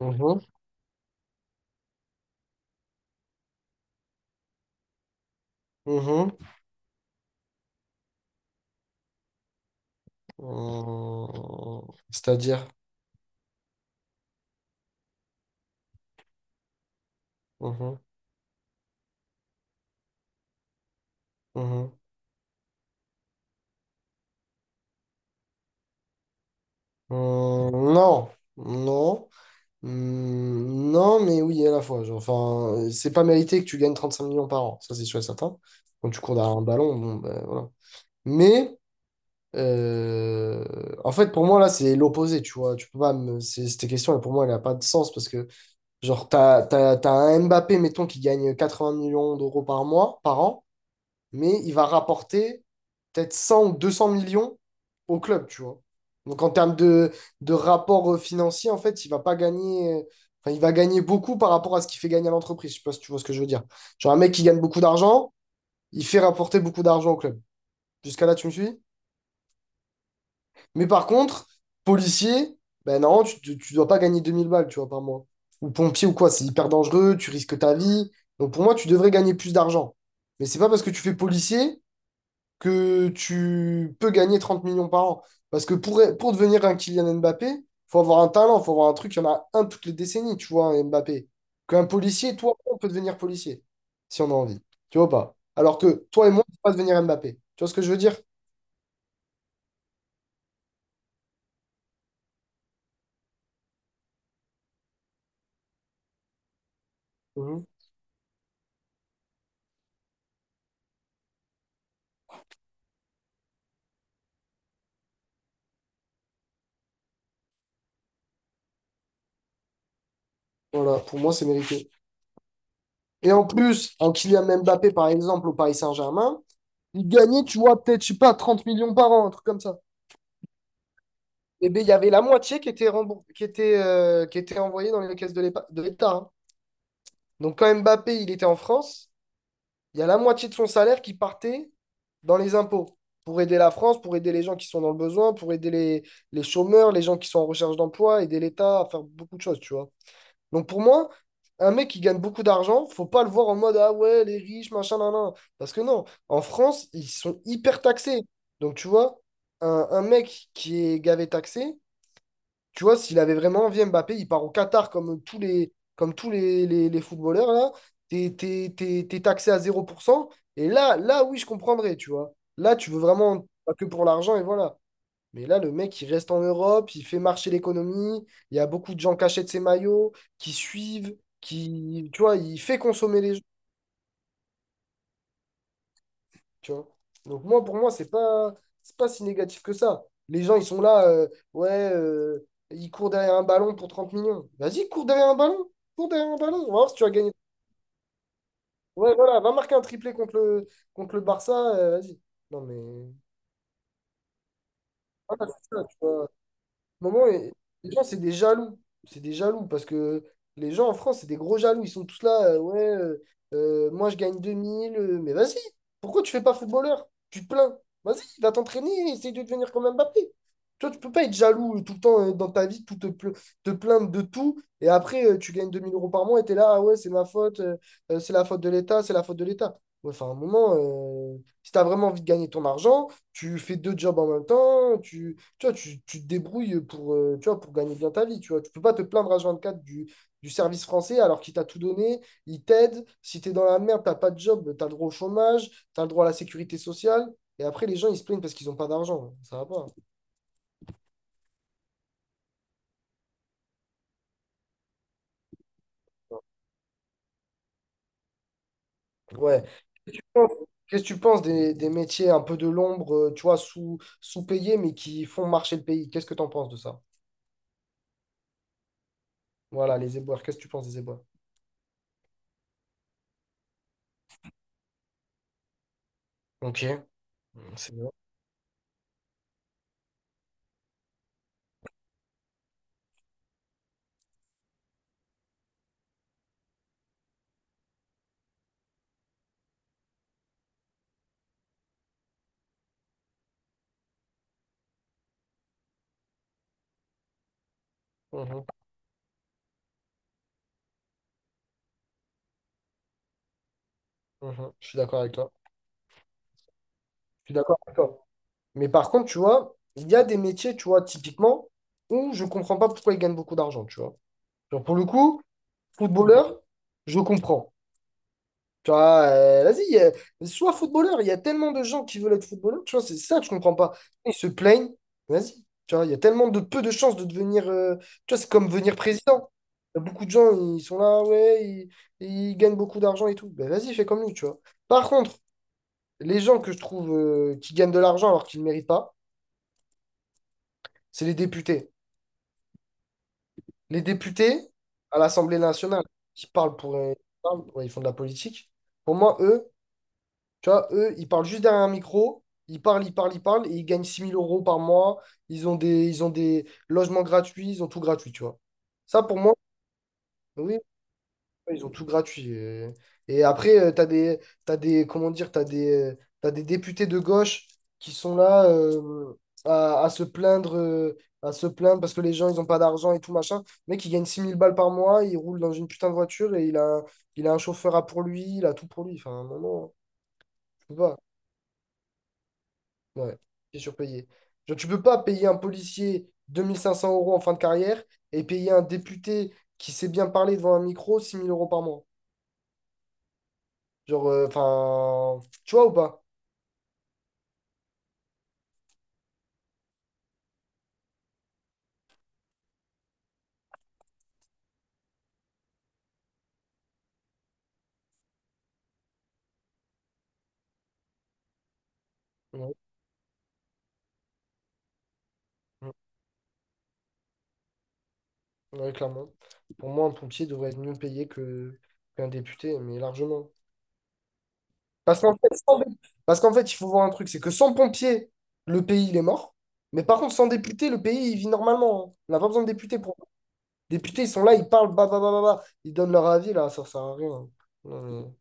Mhm, mhm. Euh, C'est-à-dire, Mhm, mhm. Non, non, Hmm, non, mais oui, à la fois. Genre, enfin, c'est pas mérité que tu gagnes 35 millions par an, ça c'est sûr et certain. Quand tu cours derrière un ballon, bon, ben voilà. Mais, euh, en fait, pour moi, là, c'est l'opposé, tu vois. Tu peux pas me... Cette question, pour moi, elle a pas de sens parce que, genre, t'as un Mbappé, mettons, qui gagne 80 millions d'euros par mois, par an. Mais il va rapporter peut-être 100 ou 200 millions au club, tu vois. Donc en termes de, rapport financier, en fait, il va pas gagner. Enfin, il va gagner beaucoup par rapport à ce qu'il fait gagner à l'entreprise. Je sais pas si tu vois ce que je veux dire. Genre un mec qui gagne beaucoup d'argent, il fait rapporter beaucoup d'argent au club. Jusqu'à là, tu me suis? Mais par contre, policier, ben non, dois pas gagner 2000 balles, tu vois, par mois. Ou pompier ou quoi, c'est hyper dangereux, tu risques ta vie. Donc pour moi, tu devrais gagner plus d'argent. Mais c'est pas parce que tu fais policier que tu peux gagner 30 millions par an. Parce que pour devenir un Kylian Mbappé, il faut avoir un talent, il faut avoir un truc. Il y en a un toutes les décennies, tu vois, un Mbappé. Qu'un policier, toi, on peut devenir policier, si on a envie. Tu vois ou pas? Alors que toi et moi, on ne peut pas devenir Mbappé. Tu vois ce que je veux dire? Mhm. Voilà, pour moi, c'est mérité. Et en plus, un Kylian Mbappé, par exemple, au Paris Saint-Germain, il gagnait, tu vois, peut-être, je sais pas, 30 millions par an, un truc comme ça. Et bien, il y avait la moitié qui était remboursée, qui était envoyée dans les caisses de de l'État. Hein. Donc quand Mbappé, il était en France, il y a la moitié de son salaire qui partait dans les impôts pour aider la France, pour aider les gens qui sont dans le besoin, pour aider les chômeurs, les gens qui sont en recherche d'emploi, aider l'État à faire beaucoup de choses, tu vois. Donc pour moi, un mec qui gagne beaucoup d'argent, faut pas le voir en mode ah ouais, les riches, machin, nan, nan. Parce que non, en France, ils sont hyper taxés. Donc tu vois, un mec qui est gavé taxé, tu vois, s'il avait vraiment envie, Mbappé, il part au Qatar comme tous les footballeurs, là. T'es taxé à 0%. Et là, là, oui, je comprendrais, tu vois. Là, tu veux vraiment pas que pour l'argent, et voilà. Mais là, le mec, il reste en Europe, il fait marcher l'économie. Il y a beaucoup de gens qui achètent ses maillots, qui suivent, qui, tu vois, il fait consommer les gens. Tu vois? Donc moi, pour moi, c'est pas si négatif que ça. Les gens, ils sont là, ouais, ils courent derrière un ballon pour 30 millions. Vas-y, cours derrière un ballon. Cours derrière un ballon. On va voir si tu vas gagner. Ouais, voilà, va marquer un triplé contre le Barça. Vas-y. Non, mais... voilà, c'est ça, tu vois. moment, et- les gens, c'est des jaloux. C'est des jaloux parce que les gens en France, c'est des gros jaloux. Ils sont tous là, ouais, moi je gagne 2000, mais vas-y, pourquoi tu fais pas footballeur? Tu te plains. Vas-y, va t'entraîner, essaye de devenir comme Mbappé. Toi, tu peux pas être jaloux tout le temps dans ta vie, te plaindre de tout, et après, tu gagnes 2000 euros par mois et t'es là, ah ouais, c'est ma faute, c'est la faute de l'État, c'est la faute de l'État. Ouais, enfin, à un moment, si t'as vraiment envie de gagner ton argent, tu fais deux jobs en même temps, tu vois, tu te débrouilles pour, tu vois, pour gagner bien ta vie. Tu vois, tu peux pas te plaindre à 24 du service français alors qu'il t'a tout donné, il t'aide. Si tu es dans la merde, t'as pas de job, tu as le droit au chômage, tu as le droit à la sécurité sociale. Et après, les gens, ils se plaignent parce qu'ils n'ont pas d'argent. Ça va pas. Ouais. Qu'est-ce que tu penses des métiers un peu de l'ombre, tu vois, sous-payés, mais qui font marcher le pays? Qu'est-ce que tu en penses de ça? Voilà, les éboueurs. Qu'est-ce que tu penses des éboueurs? Ok, c'est bien. Mhm, mhm. Je suis d'accord avec toi. Je suis d'accord avec toi. Mais par contre, tu vois, il y a des métiers, tu vois, typiquement, où je comprends pas pourquoi ils gagnent beaucoup d'argent, tu vois. Genre, pour le coup, footballeur, je comprends. Tu vois, vas-y, sois footballeur. Il y a tellement de gens qui veulent être footballeur, tu vois, c'est ça que je comprends pas. Ils se plaignent, vas-y. Tu vois, il y a tellement de peu de chances de devenir. Tu vois, c'est comme venir président. Il y a beaucoup de gens, ils sont là, ouais, ils gagnent beaucoup d'argent et tout. Ben, vas-y, fais comme lui, tu vois. Par contre, les gens que je trouve qui gagnent de l'argent alors qu'ils ne méritent pas, c'est les députés. Les députés à l'Assemblée nationale qui parlent ouais, ils font de la politique. Pour moi, eux, tu vois, eux, ils parlent juste derrière un micro, ils parlent, ils parlent, ils parlent, et ils gagnent 6000 euros par mois, ils ont des logements gratuits, ils ont tout gratuit, tu vois. Ça, pour moi, oui, ouais, ils ont tout gratuit. Et après, tu as des, t'as des, comment dire, t'as des députés de gauche qui sont là à se plaindre, parce que les gens, ils n'ont pas d'argent et tout machin. Le mec, il gagne 6000 balles par mois, il roule dans une putain de voiture et il a un chauffeur à pour lui, il a tout pour lui. Enfin, non, non, tu peux pas. Ouais, c'est surpayé. Genre, tu peux pas payer un policier 2500 euros en fin de carrière et payer un député qui sait bien parler devant un micro 6000 euros par mois. Genre, enfin, tu vois ou pas? Ouais, mm, ouais, clairement. Pour moi, un pompier devrait être mieux payé que qu'un député, mais largement. Parce qu'en fait, il faut voir un truc, c'est que sans pompier, le pays, il est mort. Mais par contre, sans député, le pays, il vit normalement. Hein. On n'a pas besoin de députés pour... Députés, ils sont là, ils parlent, bah, bah, bah, bah, bah. Ils donnent leur avis, là, ça sert à rien. Non, mais-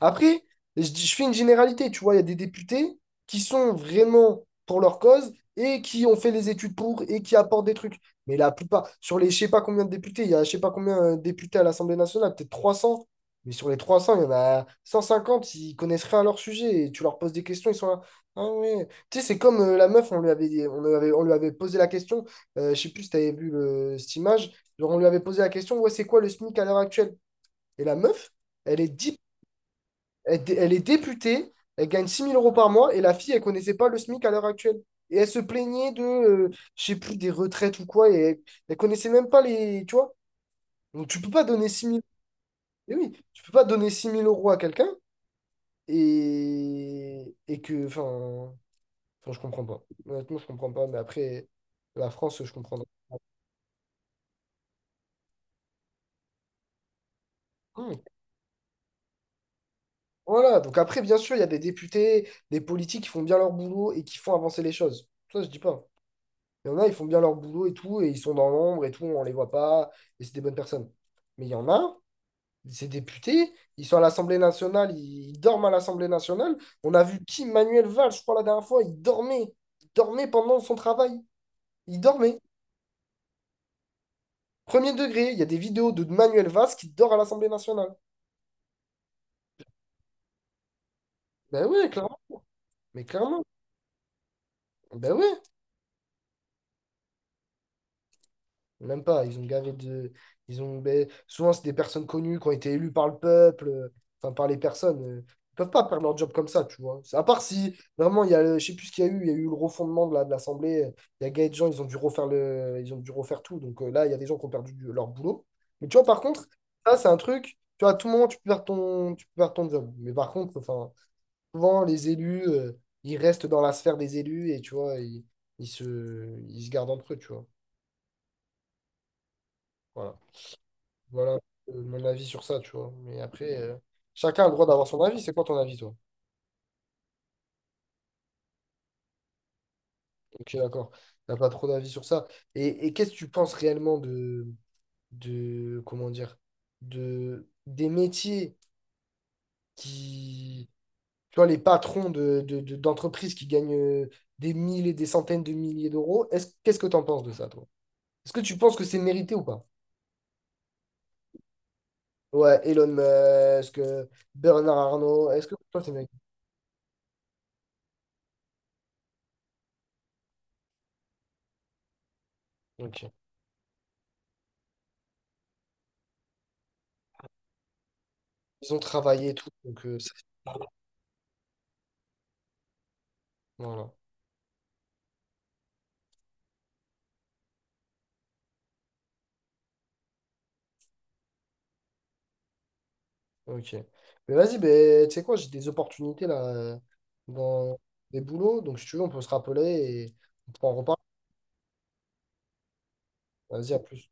après, je fais une généralité, tu vois, il y a des députés qui sont vraiment pour leur cause et qui ont fait les études pour et qui apportent des trucs. Mais la plupart, sur les je sais pas combien de députés, il y a je sais pas combien de députés à l'Assemblée nationale, peut-être 300, mais sur les 300 il y en a 150, ils connaissent rien à leur sujet et tu leur poses des questions, ils sont là. Ah ouais. Tu sais, c'est comme la meuf, on lui avait posé la question, je sais plus si tu avais vu cette image, genre on lui avait posé la question, ouais, c'est quoi le SMIC à l'heure actuelle? Et la meuf, elle est 10 elle est députée, elle gagne 6000 euros par mois et la fille, elle connaissait pas le SMIC à l'heure actuelle. Et elle se plaignait de, je sais plus, des retraites ou quoi, et elle connaissait même pas les, tu vois. Donc tu peux pas donner 6000, eh oui, tu peux pas donner 6000 euros à quelqu'un et que, enfin, je comprends pas. Honnêtement, je comprends pas, mais après, la France, je comprendrai. Hmm. Voilà, donc après, bien sûr, il y a des députés, des politiques qui font bien leur boulot et qui font avancer les choses. Ça, je dis pas. Il y en a, ils font bien leur boulot et tout, et ils sont dans l'ombre et tout, on les voit pas, et c'est des bonnes personnes. Mais il y en a, ces députés, ils sont à l'Assemblée nationale, ils dorment à l'Assemblée nationale. On a vu qui, Manuel Valls, je crois, la dernière fois, il dormait. Il dormait pendant son travail. Il dormait. Premier degré, il y a des vidéos de Manuel Valls qui dort à l'Assemblée nationale. Ben ouais, clairement. Mais clairement. Ben ouais. Même pas, ils ont gavé de. Ils ont... ben, souvent, c'est des personnes connues qui ont été élues par le peuple, enfin par les personnes. Ils peuvent pas perdre leur job comme ça, tu vois. À part si vraiment, il y a le... je sais plus ce qu'il y a eu, il y a eu le refondement de de l'Assemblée. Il y a gagné de gens, ils ont dû refaire le... ils ont dû refaire tout. Donc là, il y a des gens qui ont perdu leur boulot. Mais tu vois, par contre, ça, c'est un truc. Tu vois, à tout moment, tu peux perdre ton job. Mais par contre, enfin, souvent, les élus, ils restent dans la sphère des élus et tu vois, ils se... ils se gardent entre eux, tu vois. Voilà. Voilà mon avis sur ça, tu vois. Mais après, chacun a le droit d'avoir son avis. C'est quoi ton avis, toi? Ok, d'accord. T'as pas trop d'avis sur ça. Et qu'est-ce que tu penses réellement de, comment dire, des métiers qui, tu vois, les patrons d'entreprises qui gagnent des mille et des centaines de milliers d'euros. Qu'est-ce que t'en penses de ça, toi? Est-ce que tu penses que c'est mérité ou pas? Ouais, Elon Musk, Bernard Arnault, est-ce que toi, c'est mérité? Ok. Ils ont travaillé et tout, donc voilà. Ok. Mais vas-y, ben, tu sais quoi, j'ai des opportunités là dans des boulots. Donc, si tu veux, on peut se rappeler et on pourra en reparler. Vas-y, à plus.